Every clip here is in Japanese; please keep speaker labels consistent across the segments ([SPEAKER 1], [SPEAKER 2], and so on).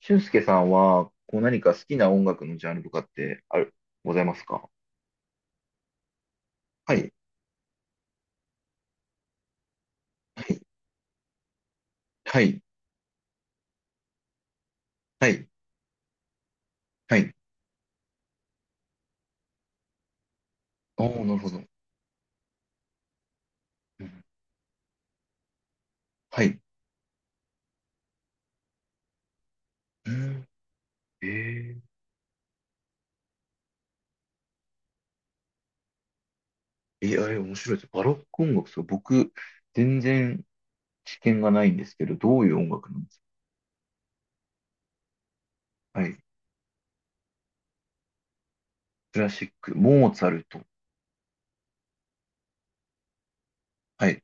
[SPEAKER 1] 俊介さんは、こう何か好きな音楽のジャンルとかってございますか？はい、はい、はい、はい、はい。ああ、なるほど。うん、はい。うん。えー、えー、あれ面白いです。バロック音楽、そう、僕、全然知見がないんですけど、どういう音楽なんですか？はい。クラシック、モーツァルト。はい。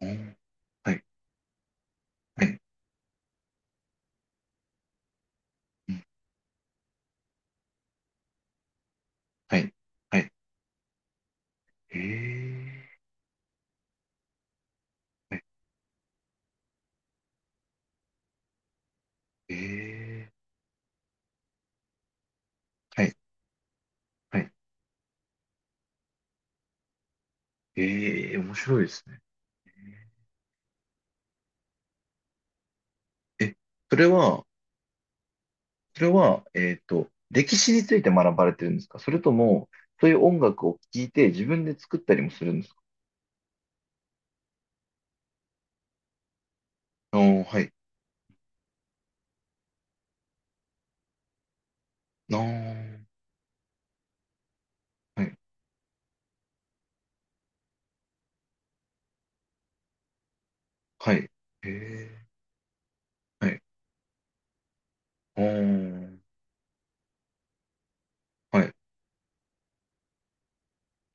[SPEAKER 1] うん、はい、はい、うん、はい、はい。えー、はい、えー、はい、はい。えー、面白いですね。え、それは、それは、歴史について学ばれてるんですか？それとも、そういう音楽を聴いて自分で作ったりもするんですか？あー、はい。あー、はい、はい。へえ、はい。あー、はい、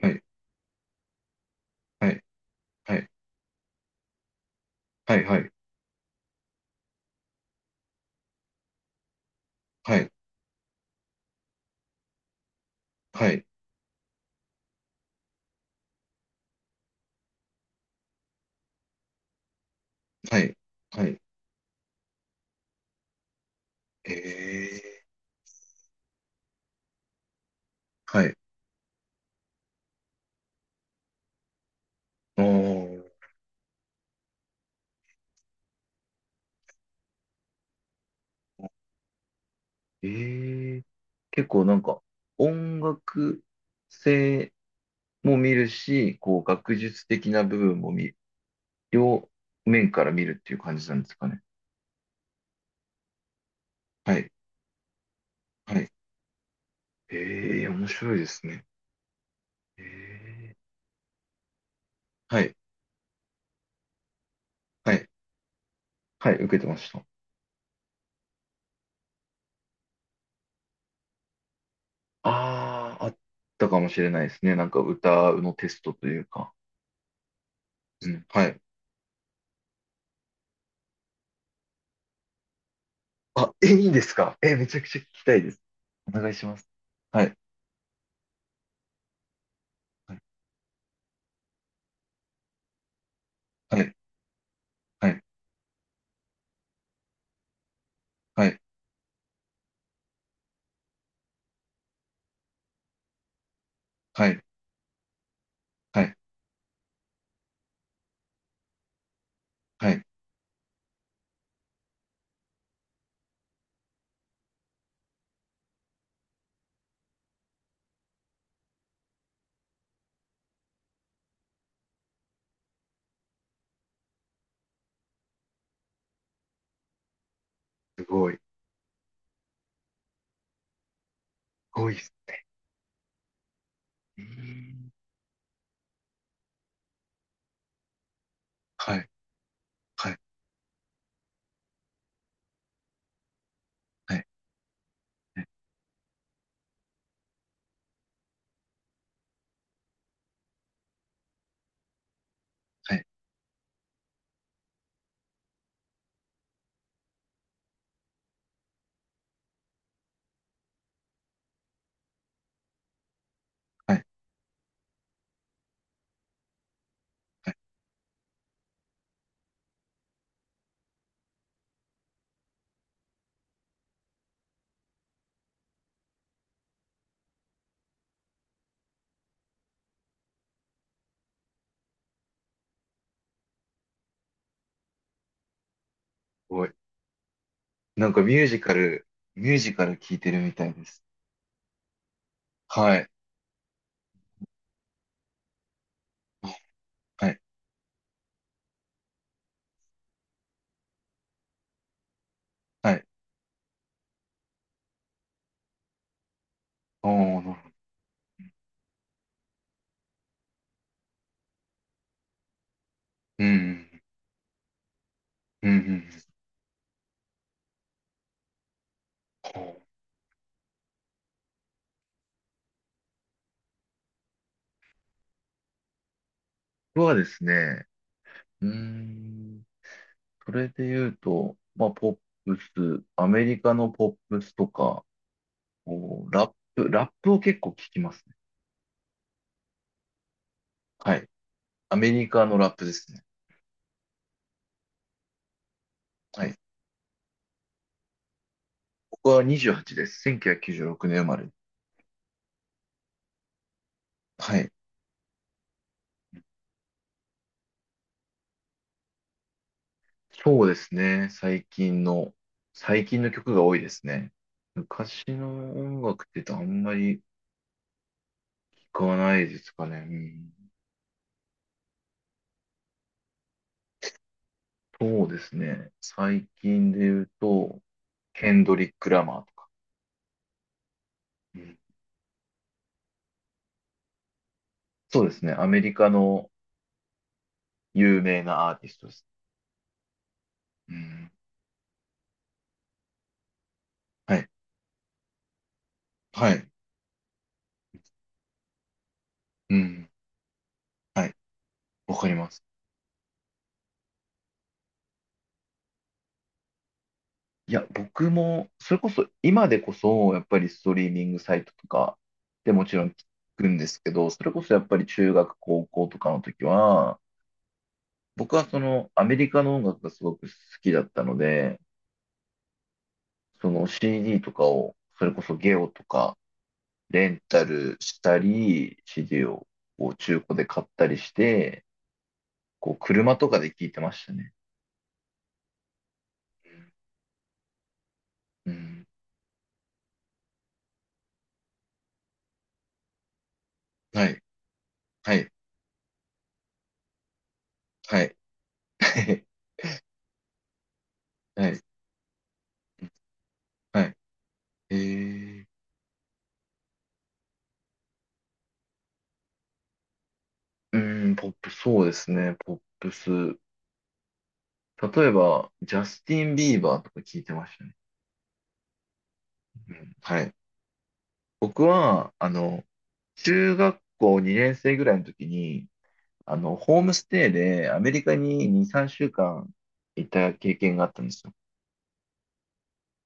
[SPEAKER 1] はい、はい、はい、はい、はい、はい、はい、はい、はい。へえ、はい。あー、ええ、結構なんか、音楽性も見るし、こう、学術的な部分も見、両面から見るっていう感じなんですかね。はい。はい。ええ、面白いですね。ええ。はい。はい。はい、受けてました。ああ、あったかもしれないですね。なんか歌のテストというか。うん。はい。あ、え、いいんですか？え、めちゃくちゃ聞きたいです。お願いします。はい。はい。はい。はい。はい。はい。はい。はい。すごい。すごいっす。えー、はい。はい。はい。はい。はい。はい。すごい、なんかミュージカル、ミュージカル聞いてるみたいです。はい。はい。はい。おー、なるほど。うん。うん。うんうん。ほう。僕はですね、うーん、それで言うと、まあ、ポップス、アメリカのポップスとか、こうラップを結構聞きますね。はい。アメリカのラップですね。はい。僕は28です。1996年生まれ。はい。そうですね。最近の曲が多いですね。昔の音楽って言うとあんまり聞かないですかね。うん。そうですね。最近で言うと、ケンドリック・ラマーとか。うん。そうですね。アメリカの有名なアーティストです。うん、はい。はい。うん。はい。わかります。いや、僕も、それこそ、今でこそ、やっぱりストリーミングサイトとかでもちろん聞くんですけど、それこそやっぱり中学、高校とかの時は、僕はそのアメリカの音楽がすごく好きだったので、その CD とかを、それこそゲオとか、レンタルしたり、CD をこう中古で買ったりして、こう車とかで聞いてましたね。うん。はい、はい、はい、はい、はい。はい。えー。ポップ、そうですね、ポップス。例えば、ジャスティン・ビーバーとか聞いてましたね。うん、はい。僕は、中学校2年生ぐらいの時に、ホームステイでアメリカに2、3週間いた経験があったんですよ。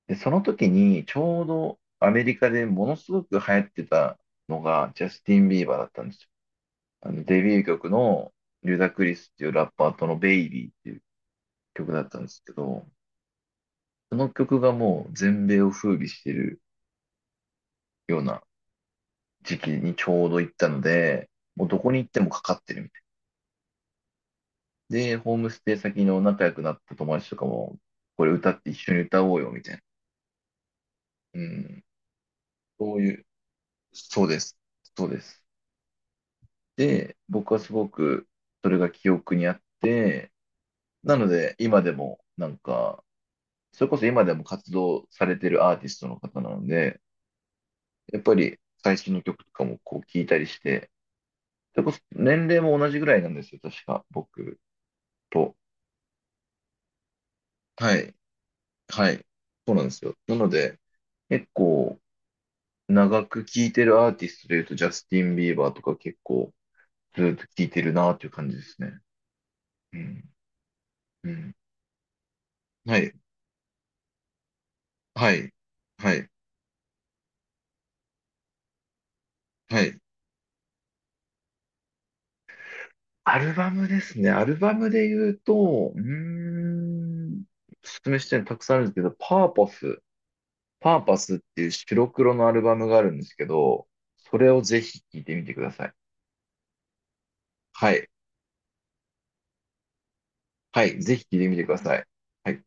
[SPEAKER 1] で、その時に、ちょうどアメリカでものすごく流行ってたのが、ジャスティン・ビーバーだったんですよ。デビュー曲の、リュダ・クリスっていうラッパーとのベイビーっていう曲だったんですけど、その曲がもう全米を風靡してるような時期にちょうど行ったので、もうどこに行ってもかかってるみたい。で、ホームステイ先の仲良くなった友達とかも、これ歌って一緒に歌おうよみたいな。うん。そういう、そうです。そうです。で、僕はすごくそれが記憶にあって、なので今でもなんか、それこそ今でも活動されてるアーティストの方なので、やっぱり最新の曲とかもこう聞いたりして、それこそ年齢も同じぐらいなんですよ、確か、僕と。はい。はい。そうなんですよ。なので、結構、長く聴いてるアーティストで言うと、ジャスティン・ビーバーとか結構、ずっと聴いてるなっていう感じですね。うん。うん。はい。はい。はい。はい。アルバムですね。アルバムで言うと、おすすめしてるのたくさんあるんですけど、パーパス、パーパスっていう白黒のアルバムがあるんですけど、それをぜひ聴いてみてください。はい。はい、ぜひ聞いてみてください。はい